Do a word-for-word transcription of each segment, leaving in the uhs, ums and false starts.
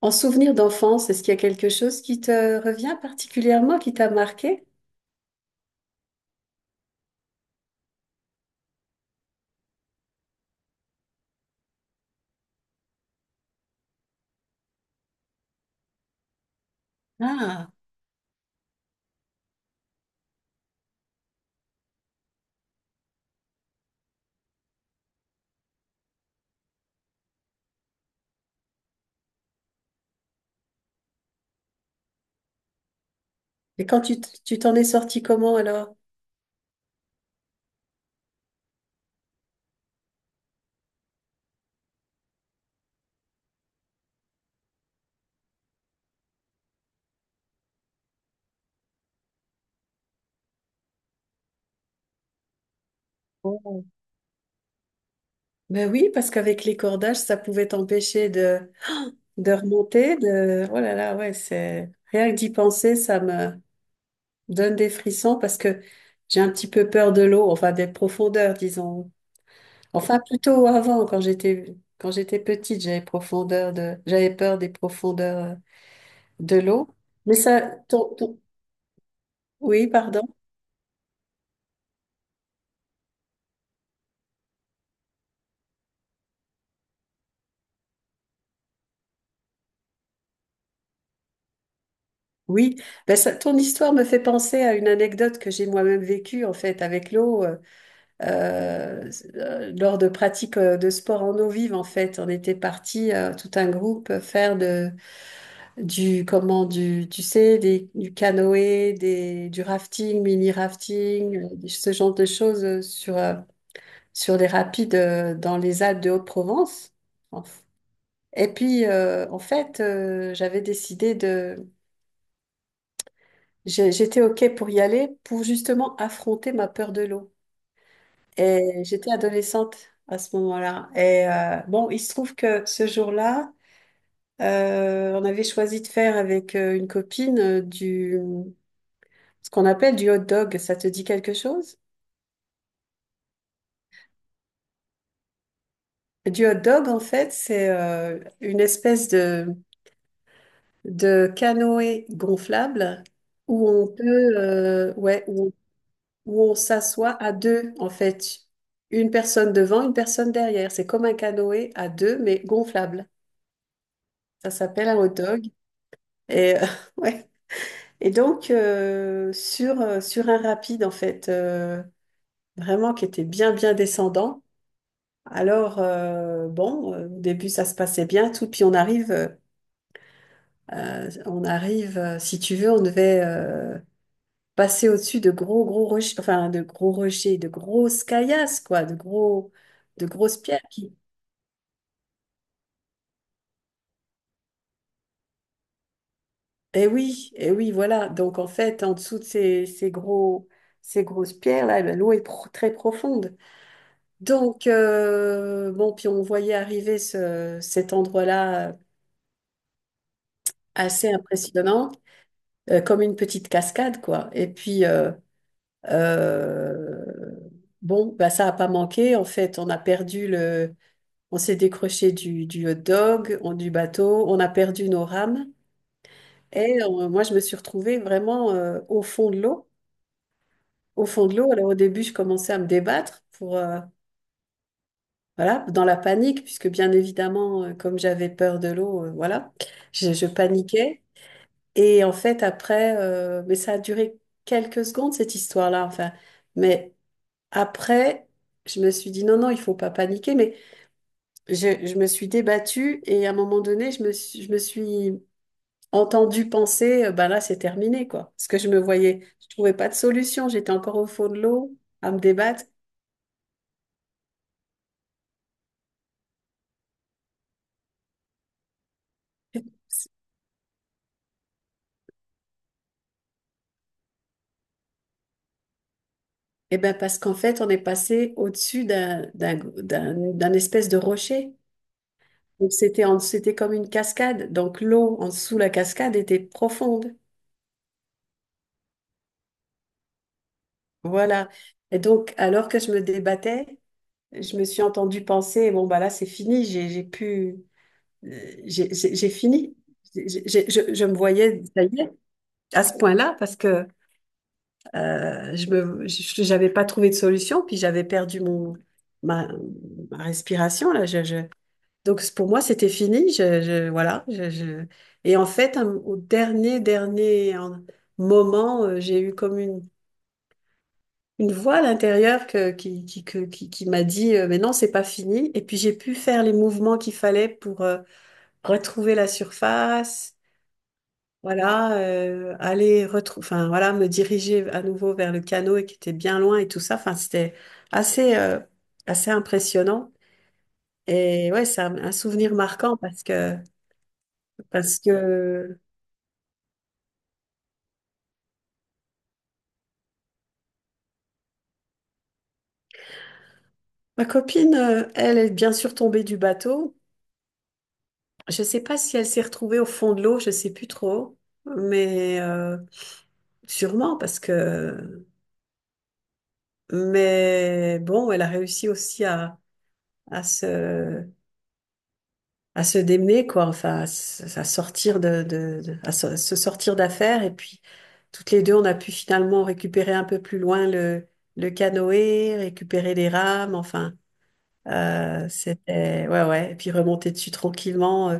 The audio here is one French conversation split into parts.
En souvenir d'enfance, est-ce qu'il y a quelque chose qui te revient particulièrement, qui t'a marqué? Ah, et quand tu t- tu t'en es sorti comment alors? Oh. Ben oui, parce qu'avec les cordages, ça pouvait t'empêcher de, de remonter, de... Oh là là, ouais, c'est... Rien que d'y penser, ça me donne des frissons parce que j'ai un petit peu peur de l'eau, enfin des profondeurs, disons. Enfin, plutôt avant, quand j'étais quand j'étais petite, j'avais profondeur de... j'avais peur des profondeurs de l'eau. Mais ça, ton, ton- Oui, pardon. Oui, ben ça- ton histoire me fait penser à une anecdote que j'ai moi-même vécue en fait avec l'eau euh, euh, euh, lors de pratiques euh, de sport en eau vive en fait. On était parti tout un groupe faire de du comment du tu sais des, du canoë, des du rafting, mini rafting, euh, des- ce genre de choses euh, sur euh, sur les rapides euh, dans les Alpes de Haute-Provence. En f- Et puis euh, en fait euh, j'avais décidé de J'ai- J'étais OK pour y aller pour justement affronter ma peur de l'eau. Et j'étais adolescente à ce moment-là. Et euh, bon, il se trouve que ce jour-là, euh, on avait choisi de faire avec euh, une copine euh, du, ce qu'on appelle du hot dog. Ça te dit quelque chose? Du hot dog, en fait, c'est euh, une espèce de, de canoë gonflable, où on peut, euh, ouais, où où on s'assoit à deux, en fait. Une personne devant, une personne derrière. C'est comme un canoë à deux, mais gonflable. Ça s'appelle un hot dog. Et, euh, ouais. Et donc, euh, sur, euh, sur un rapide, en fait, euh, vraiment qui était bien, bien descendant. Alors, euh, bon, euh, au début, ça se passait bien, tout. Puis on arrive, euh, euh, on arrive, euh, si tu veux, on devait euh, passer au-dessus de gros, gros rochers, enfin, de gros rochers, de grosses caillasses, quoi, de gros de grosses pierres. Eh oui, eh oui, voilà. Donc en fait, en dessous de ces, ces gros, ces grosses pierres-là, eh ben, l'eau est pro- très profonde. Donc, euh, bon, puis on voyait arriver ce- cet endroit-là assez impressionnant, euh, comme une petite cascade, quoi. Et puis, euh, euh, bon, bah, ça n'a pas manqué. En fait, on a perdu le... On s'est décroché du, du hot dog, on- du bateau, on a perdu nos rames. Et euh, moi, je me suis retrouvée vraiment euh, au fond de l'eau. Au fond de l'eau. Alors au début, je commençais à me débattre pour, euh, voilà, dans la panique, puisque bien évidemment, euh, comme j'avais peur de l'eau, euh, voilà, je, je paniquais. Et en fait, après, euh, mais ça a duré quelques secondes, cette histoire-là, enfin. Mais après, je me suis dit, non, non, il faut pas paniquer. Mais je, je me suis débattue et à un moment donné, je me suis, je me suis entendue penser, euh, ben là, c'est terminé, quoi. Parce que je me voyais, je trouvais pas de solution. J'étais encore au fond de l'eau à me débattre. Eh bien, parce qu'en fait, on est passé au-dessus d'un, d'un, d'un, d'un espèce de rocher. Donc, c'était en- c'était comme une cascade. Donc, l'eau en dessous de la cascade était profonde. Voilà. Et donc, alors que je me débattais, je me suis entendue penser, bon, bah là, c'est fini, j'ai, j'ai pu, euh, j'ai, j'ai j'ai fini. J'ai- j'ai- je, je me voyais, ça y est, à ce point-là, parce que euh, je me, je- j'avais pas trouvé de solution, puis j'avais perdu mon, ma, ma respiration, là. je, je- Donc c- pour moi, c'était fini. Je, je- voilà. Je, je- Et en fait, un- au dernier, dernier euh, moment, euh, j'ai eu comme une, une voix à l'intérieur que- qui, qui, que- qui, qui m'a dit, euh, mais non, c'est pas fini. Et puis j'ai pu faire les mouvements qu'il fallait pour euh, retrouver la surface. Voilà, euh, aller retrouver, enfin voilà, me diriger à nouveau vers le canot et qui était bien loin et tout ça. Enfin, c'était assez, euh, assez impressionnant. Et ouais, c'est un un souvenir marquant. Parce que parce que Ma copine, euh, elle est bien sûr tombée du bateau. Je ne sais pas si elle s'est retrouvée au fond de l'eau, je ne sais plus trop, mais euh, sûrement parce que... Mais bon, elle a réussi aussi à, à se, à se démener, quoi, enfin, à, s- à sortir de, de- de- à se, se sortir d'affaire. Et puis, toutes les deux, on a pu finalement récupérer un peu plus loin le, le canoë, récupérer les rames, enfin, euh, c'était... ouais, ouais, et puis remonter dessus tranquillement. euh,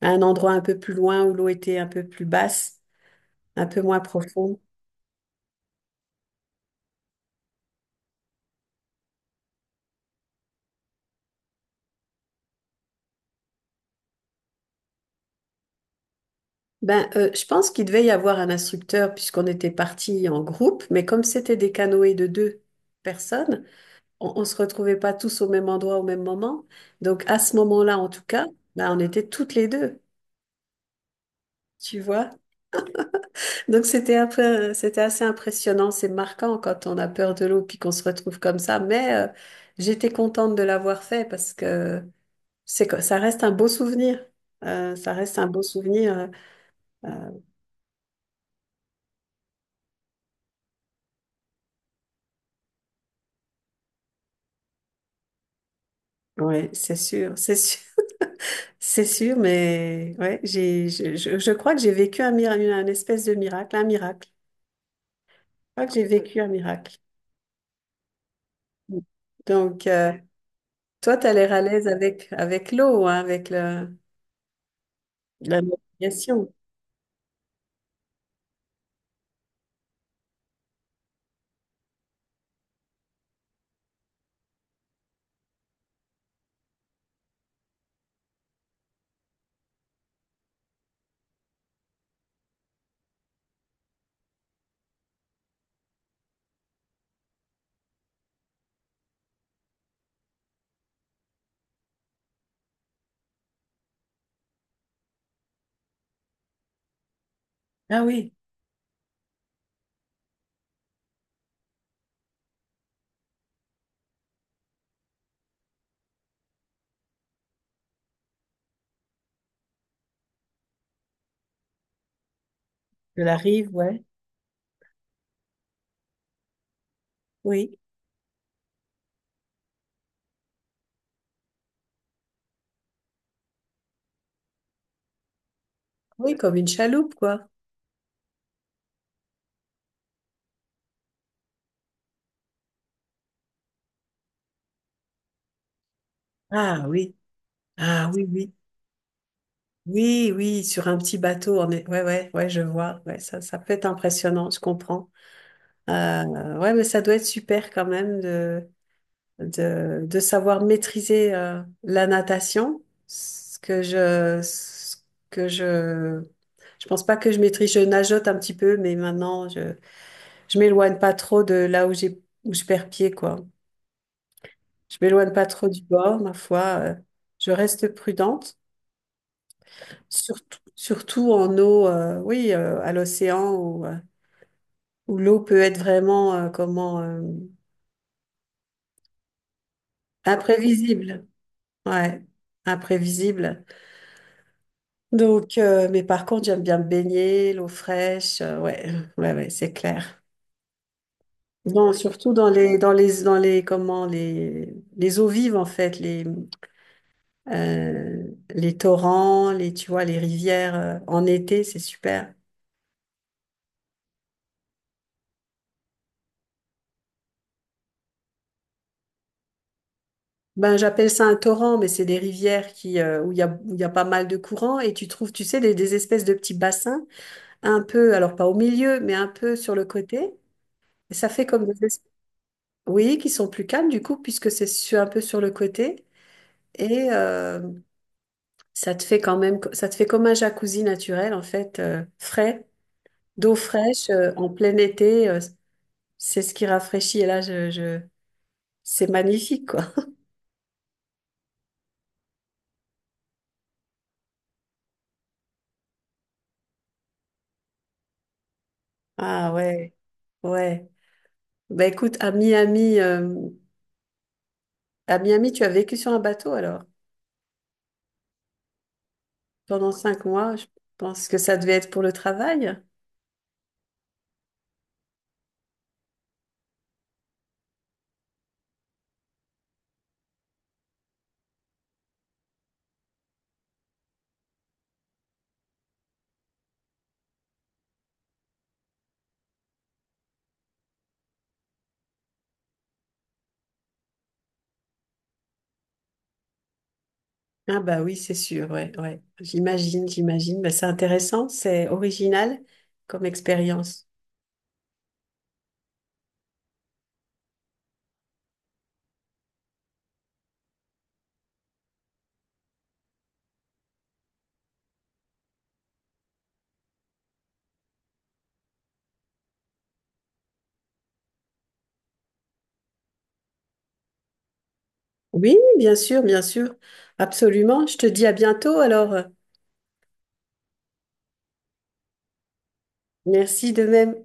À un endroit un peu plus loin où l'eau était un peu plus basse, un peu moins profonde. Ben, euh, je pense qu'il devait y avoir un instructeur puisqu'on était partis en groupe, mais comme c'était des canoës de deux personnes, on ne se retrouvait pas tous au même endroit au même moment. Donc à ce moment-là, en tout cas, ben, on était toutes les deux, tu vois. Donc c'était un peu, c'était assez impressionnant, c'est marquant quand on a peur de l'eau puis qu'on se retrouve comme ça. Mais euh, j'étais contente de l'avoir fait parce que C'est que ça reste un beau souvenir. Euh, ça reste un beau souvenir. euh, euh, ouais, c'est sûr, c'est sûr, c'est sûr. Mais ouais, j'ai, je, je- je crois que j'ai vécu un miracle, une espèce de miracle, un miracle. Je crois que j'ai vécu un miracle. Donc, euh, toi, tu as l'air à l'aise avec avec l'eau, hein, avec le, la navigation. Ah oui, de la rive, ouais. Oui, oui, comme une chaloupe, quoi. Ah oui, ah oui, oui. Oui, oui, sur un petit bateau, on est... ouais, ouais, ouais, je vois, ouais, ça, ça peut être impressionnant, je comprends. Euh, ouais, mais ça doit être super quand même de, de, de savoir maîtriser euh, la natation, ce que je, ce que je, je pense pas que je maîtrise, je nageote un petit peu, mais maintenant je, je m'éloigne pas trop de là où j'ai, où je perds pied, quoi. Je m'éloigne pas trop du bord, ma foi, euh, je reste prudente. Surtout, surtout en eau, euh, oui, euh, à l'océan où, euh, où l'eau peut être vraiment euh, comment euh, imprévisible. Ouais, imprévisible. Donc, euh, mais par contre, j'aime bien me baigner, l'eau fraîche. Euh, ouais, ouais, ouais, c'est clair. Non, surtout dans les dans les dans les comment les les eaux vives en fait les euh, les torrents, les tu vois les rivières euh, en été, c'est super. Ben, j'appelle ça un torrent, mais c'est des rivières qui, euh, où il y a, où il y a pas mal de courants et tu trouves, tu sais, des, des espèces de petits bassins, un peu, alors pas au milieu, mais un peu sur le côté. Et ça fait comme des espèces, oui, qui sont plus calmes du coup, puisque c'est sur- un peu sur le côté. Et euh, ça te fait quand même, ça te fait comme un jacuzzi naturel, en fait, euh, frais, d'eau fraîche, euh, en plein été. Euh, c'est ce qui rafraîchit. Et là, je, je... c'est magnifique, quoi. Ah ouais, ouais. Ben écoute, à Miami. euh, À Miami, tu as vécu sur un bateau alors? Pendant cinq mois, je pense que ça devait être pour le travail. Ah bah oui, c'est sûr, ouais, ouais. J'imagine, j'imagine. Bah, c'est intéressant, c'est original comme expérience. Oui, bien sûr, bien sûr. Absolument. Je te dis à bientôt alors. Merci de même.